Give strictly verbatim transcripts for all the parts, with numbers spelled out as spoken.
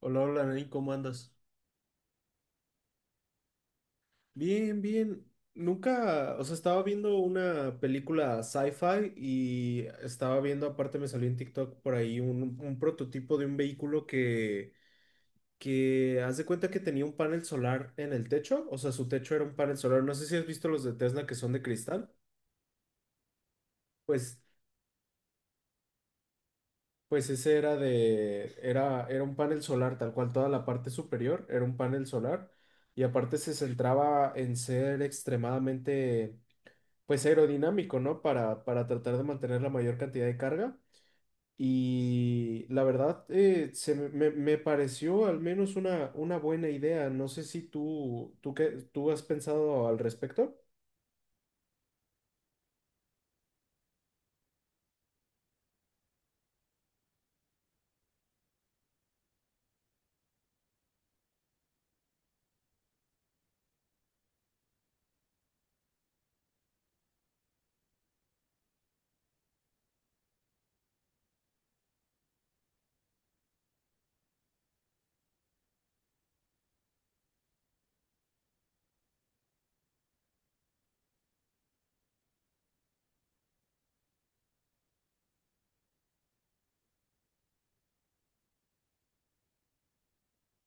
Hola, hola, Nain, ¿cómo andas? Bien, bien. Nunca, o sea, estaba viendo una película sci-fi y estaba viendo, aparte me salió en TikTok por ahí un, un prototipo de un vehículo que, que haz de cuenta que tenía un panel solar en el techo, o sea, su techo era un panel solar. No sé si has visto los de Tesla que son de cristal. Pues, pues ese era de, era, era un panel solar, tal cual, toda la parte superior era un panel solar y aparte se centraba en ser extremadamente pues aerodinámico, ¿no? Para, para tratar de mantener la mayor cantidad de carga. Y la verdad, eh, se me, me- me pareció al menos una, una buena idea. No sé si tú, tú, qué- tú has pensado al respecto.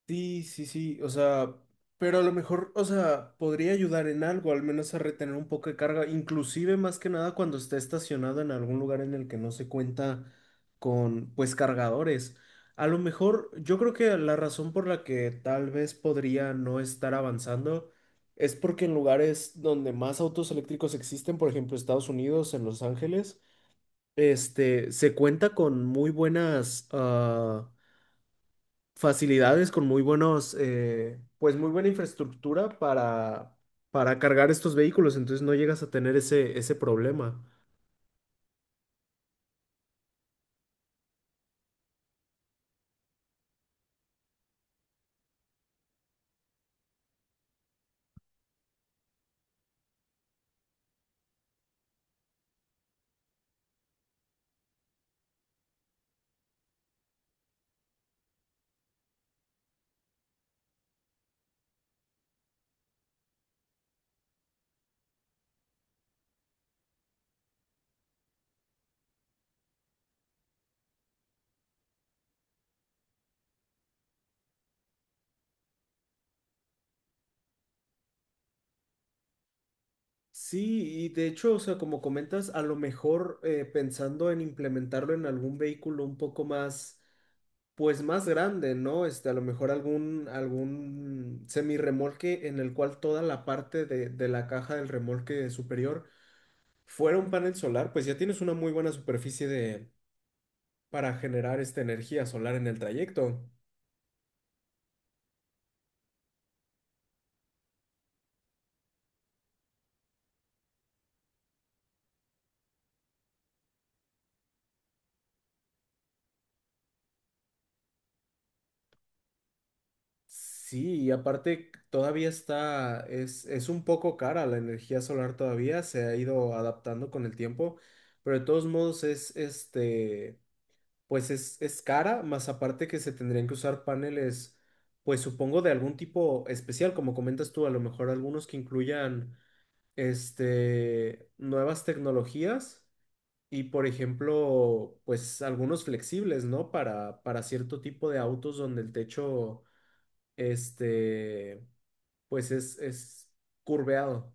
Sí, sí, sí, o sea, pero a lo mejor, o sea, podría ayudar en algo, al menos a retener un poco de carga, inclusive más que nada cuando esté estacionado en algún lugar en el que no se cuenta con, pues, cargadores. A lo mejor, yo creo que la razón por la que tal vez podría no estar avanzando es porque en lugares donde más autos eléctricos existen, por ejemplo, Estados Unidos, en Los Ángeles, este, se cuenta con muy buenas, ah, facilidades, con muy buenos, eh, pues muy buena infraestructura para, para cargar estos vehículos, entonces no llegas a tener ese, ese problema. Sí, y de hecho, o sea, como comentas, a lo mejor eh, pensando en implementarlo en algún vehículo un poco más, pues más grande, ¿no? Este, a lo mejor algún, algún semirremolque en el cual toda la parte de, de la caja del remolque superior fuera un panel solar, pues ya tienes una muy buena superficie de para generar esta energía solar en el trayecto. Sí, y aparte todavía está, es, es un poco cara la energía solar todavía, se ha ido adaptando con el tiempo, pero de todos modos es, este, pues es, es cara, más aparte que se tendrían que usar paneles, pues supongo de algún tipo especial, como comentas tú, a lo mejor algunos que incluyan, este, nuevas tecnologías. Y por ejemplo, pues algunos flexibles, ¿no? Para, para cierto tipo de autos donde el techo, este, pues es, es curveado.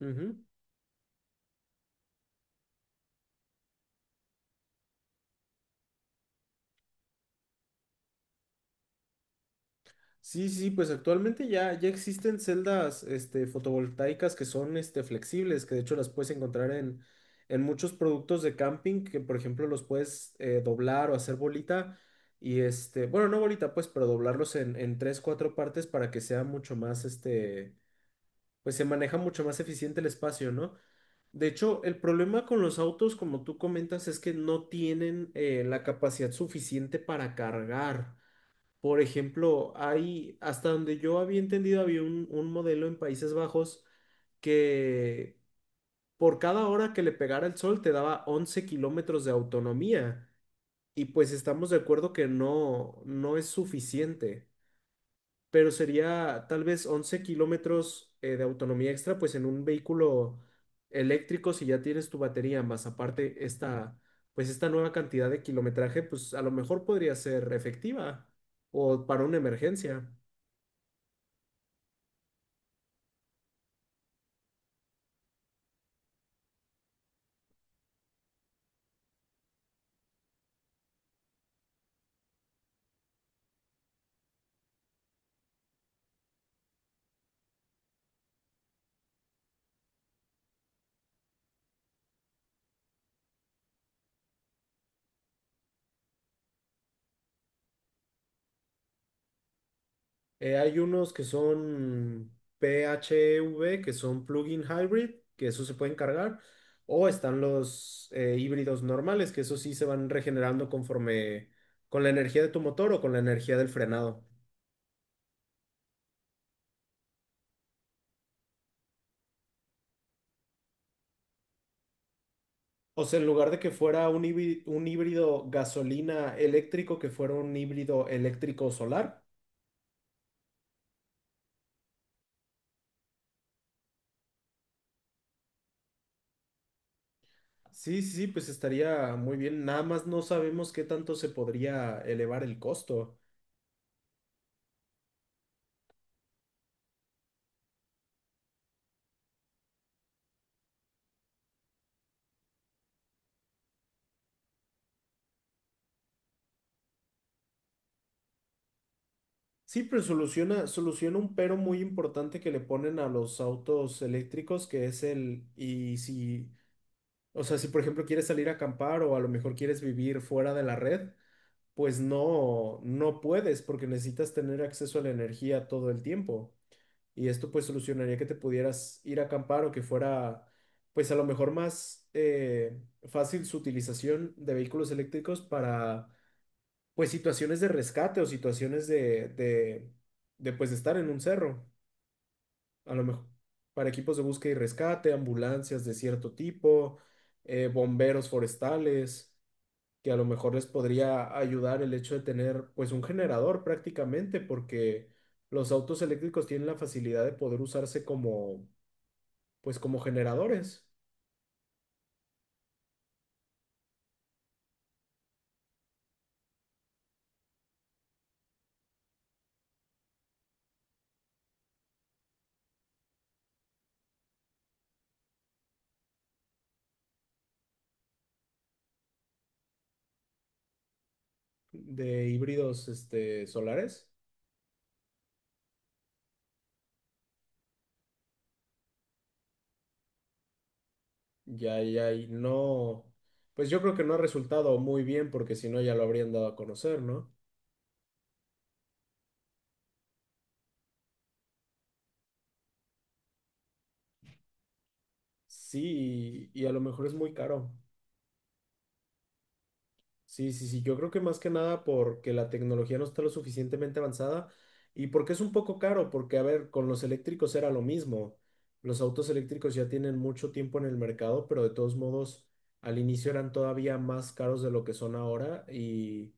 Ujú. Sí, sí, pues actualmente ya, ya existen celdas, este, fotovoltaicas que son, este, flexibles, que de hecho las puedes encontrar en, en muchos productos de camping, que por ejemplo los puedes eh, doblar o hacer bolita. Y este, bueno, no bolita, pues, pero doblarlos en, en tres, cuatro partes para que sea mucho más, este, pues se maneja mucho más eficiente el espacio, ¿no? De hecho, el problema con los autos, como tú comentas, es que no tienen eh, la capacidad suficiente para cargar. Por ejemplo, hay, hasta donde yo había entendido, había un, un modelo en Países Bajos que por cada hora que le pegara el sol te daba once kilómetros de autonomía. Y pues estamos de acuerdo que no, no es suficiente, pero sería tal vez once kilómetros eh, de autonomía extra, pues en un vehículo eléctrico, si ya tienes tu batería, más aparte esta, pues esta nueva cantidad de kilometraje, pues a lo mejor podría ser efectiva o para una emergencia. Eh, hay unos que son P H E V, que son plug-in hybrid, que eso se pueden cargar, o están los eh, híbridos normales, que eso sí se van regenerando conforme con la energía de tu motor o con la energía del frenado. O sea, en lugar de que fuera un híbrido, un híbrido gasolina eléctrico, que fuera un híbrido eléctrico solar. Sí, sí, sí, pues estaría muy bien. Nada más no sabemos qué tanto se podría elevar el costo. Sí, pero soluciona, soluciona un pero muy importante que le ponen a los autos eléctricos, que es el, y si, o sea, si por ejemplo quieres salir a acampar o a lo mejor quieres vivir fuera de la red, pues no, no puedes porque necesitas tener acceso a la energía todo el tiempo. Y esto pues solucionaría que te pudieras ir a acampar o que fuera pues a lo mejor más eh, fácil su utilización de vehículos eléctricos para pues situaciones de rescate o situaciones de, de, de pues de estar en un cerro, a lo mejor para equipos de búsqueda y rescate, ambulancias de cierto tipo, eh, bomberos forestales que a lo mejor les podría ayudar el hecho de tener pues un generador prácticamente porque los autos eléctricos tienen la facilidad de poder usarse como pues como generadores de híbridos este, solares. Ya, ya, y no, pues yo creo que no ha resultado muy bien porque si no ya lo habrían dado a conocer, ¿no? Sí, y, y a lo mejor es muy caro. Sí, sí, sí, yo creo que más que nada porque la tecnología no está lo suficientemente avanzada y porque es un poco caro, porque a ver, con los eléctricos era lo mismo. Los autos eléctricos ya tienen mucho tiempo en el mercado, pero de todos modos al inicio eran todavía más caros de lo que son ahora y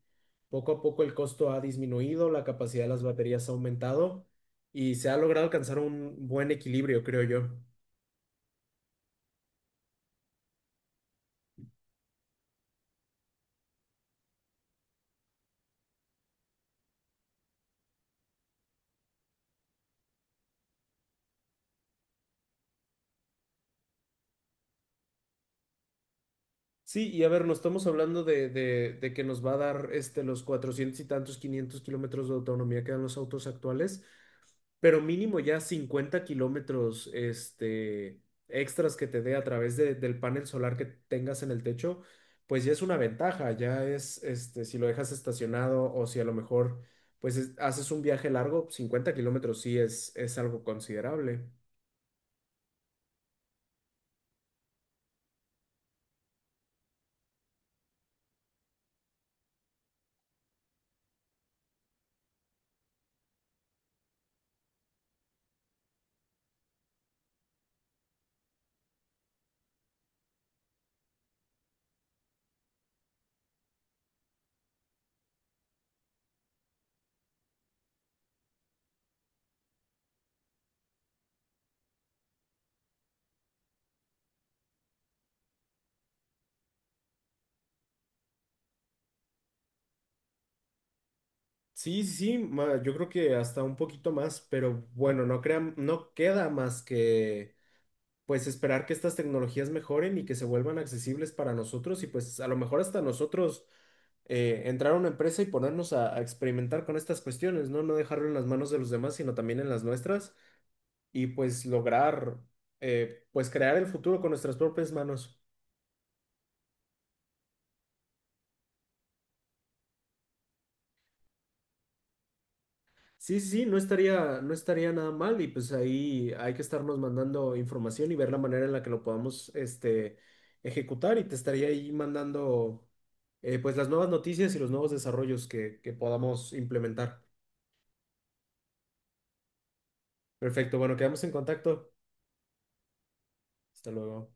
poco a poco el costo ha disminuido, la capacidad de las baterías ha aumentado y se ha logrado alcanzar un buen equilibrio, creo yo. Sí, y a ver, no estamos hablando de, de- de que nos va a dar este, los cuatrocientos y tantos, quinientos kilómetros de autonomía que dan los autos actuales, pero mínimo ya cincuenta kilómetros este, extras que te dé a través de- del panel solar que tengas en el techo, pues ya es una ventaja, ya es, este, si lo dejas estacionado o si a lo mejor pues es- haces un viaje largo, cincuenta kilómetros sí es, es algo considerable. Sí, sí, sí, ma- yo creo que hasta un poquito más, pero bueno, no crean, no queda más que pues esperar que estas tecnologías mejoren y que se vuelvan accesibles para nosotros y pues a lo mejor hasta nosotros eh, entrar a una empresa y ponernos a, a experimentar con estas cuestiones, ¿no? No dejarlo en las manos de los demás, sino también en las nuestras y pues lograr eh, pues crear el futuro con nuestras propias manos. Sí, sí, sí, no estaría, no estaría nada mal y pues ahí hay que estarnos mandando información y ver la manera en la que lo podamos este, ejecutar y te estaría ahí mandando eh, pues las nuevas noticias y los nuevos desarrollos que, que podamos implementar. Perfecto, bueno, quedamos en contacto. Hasta luego.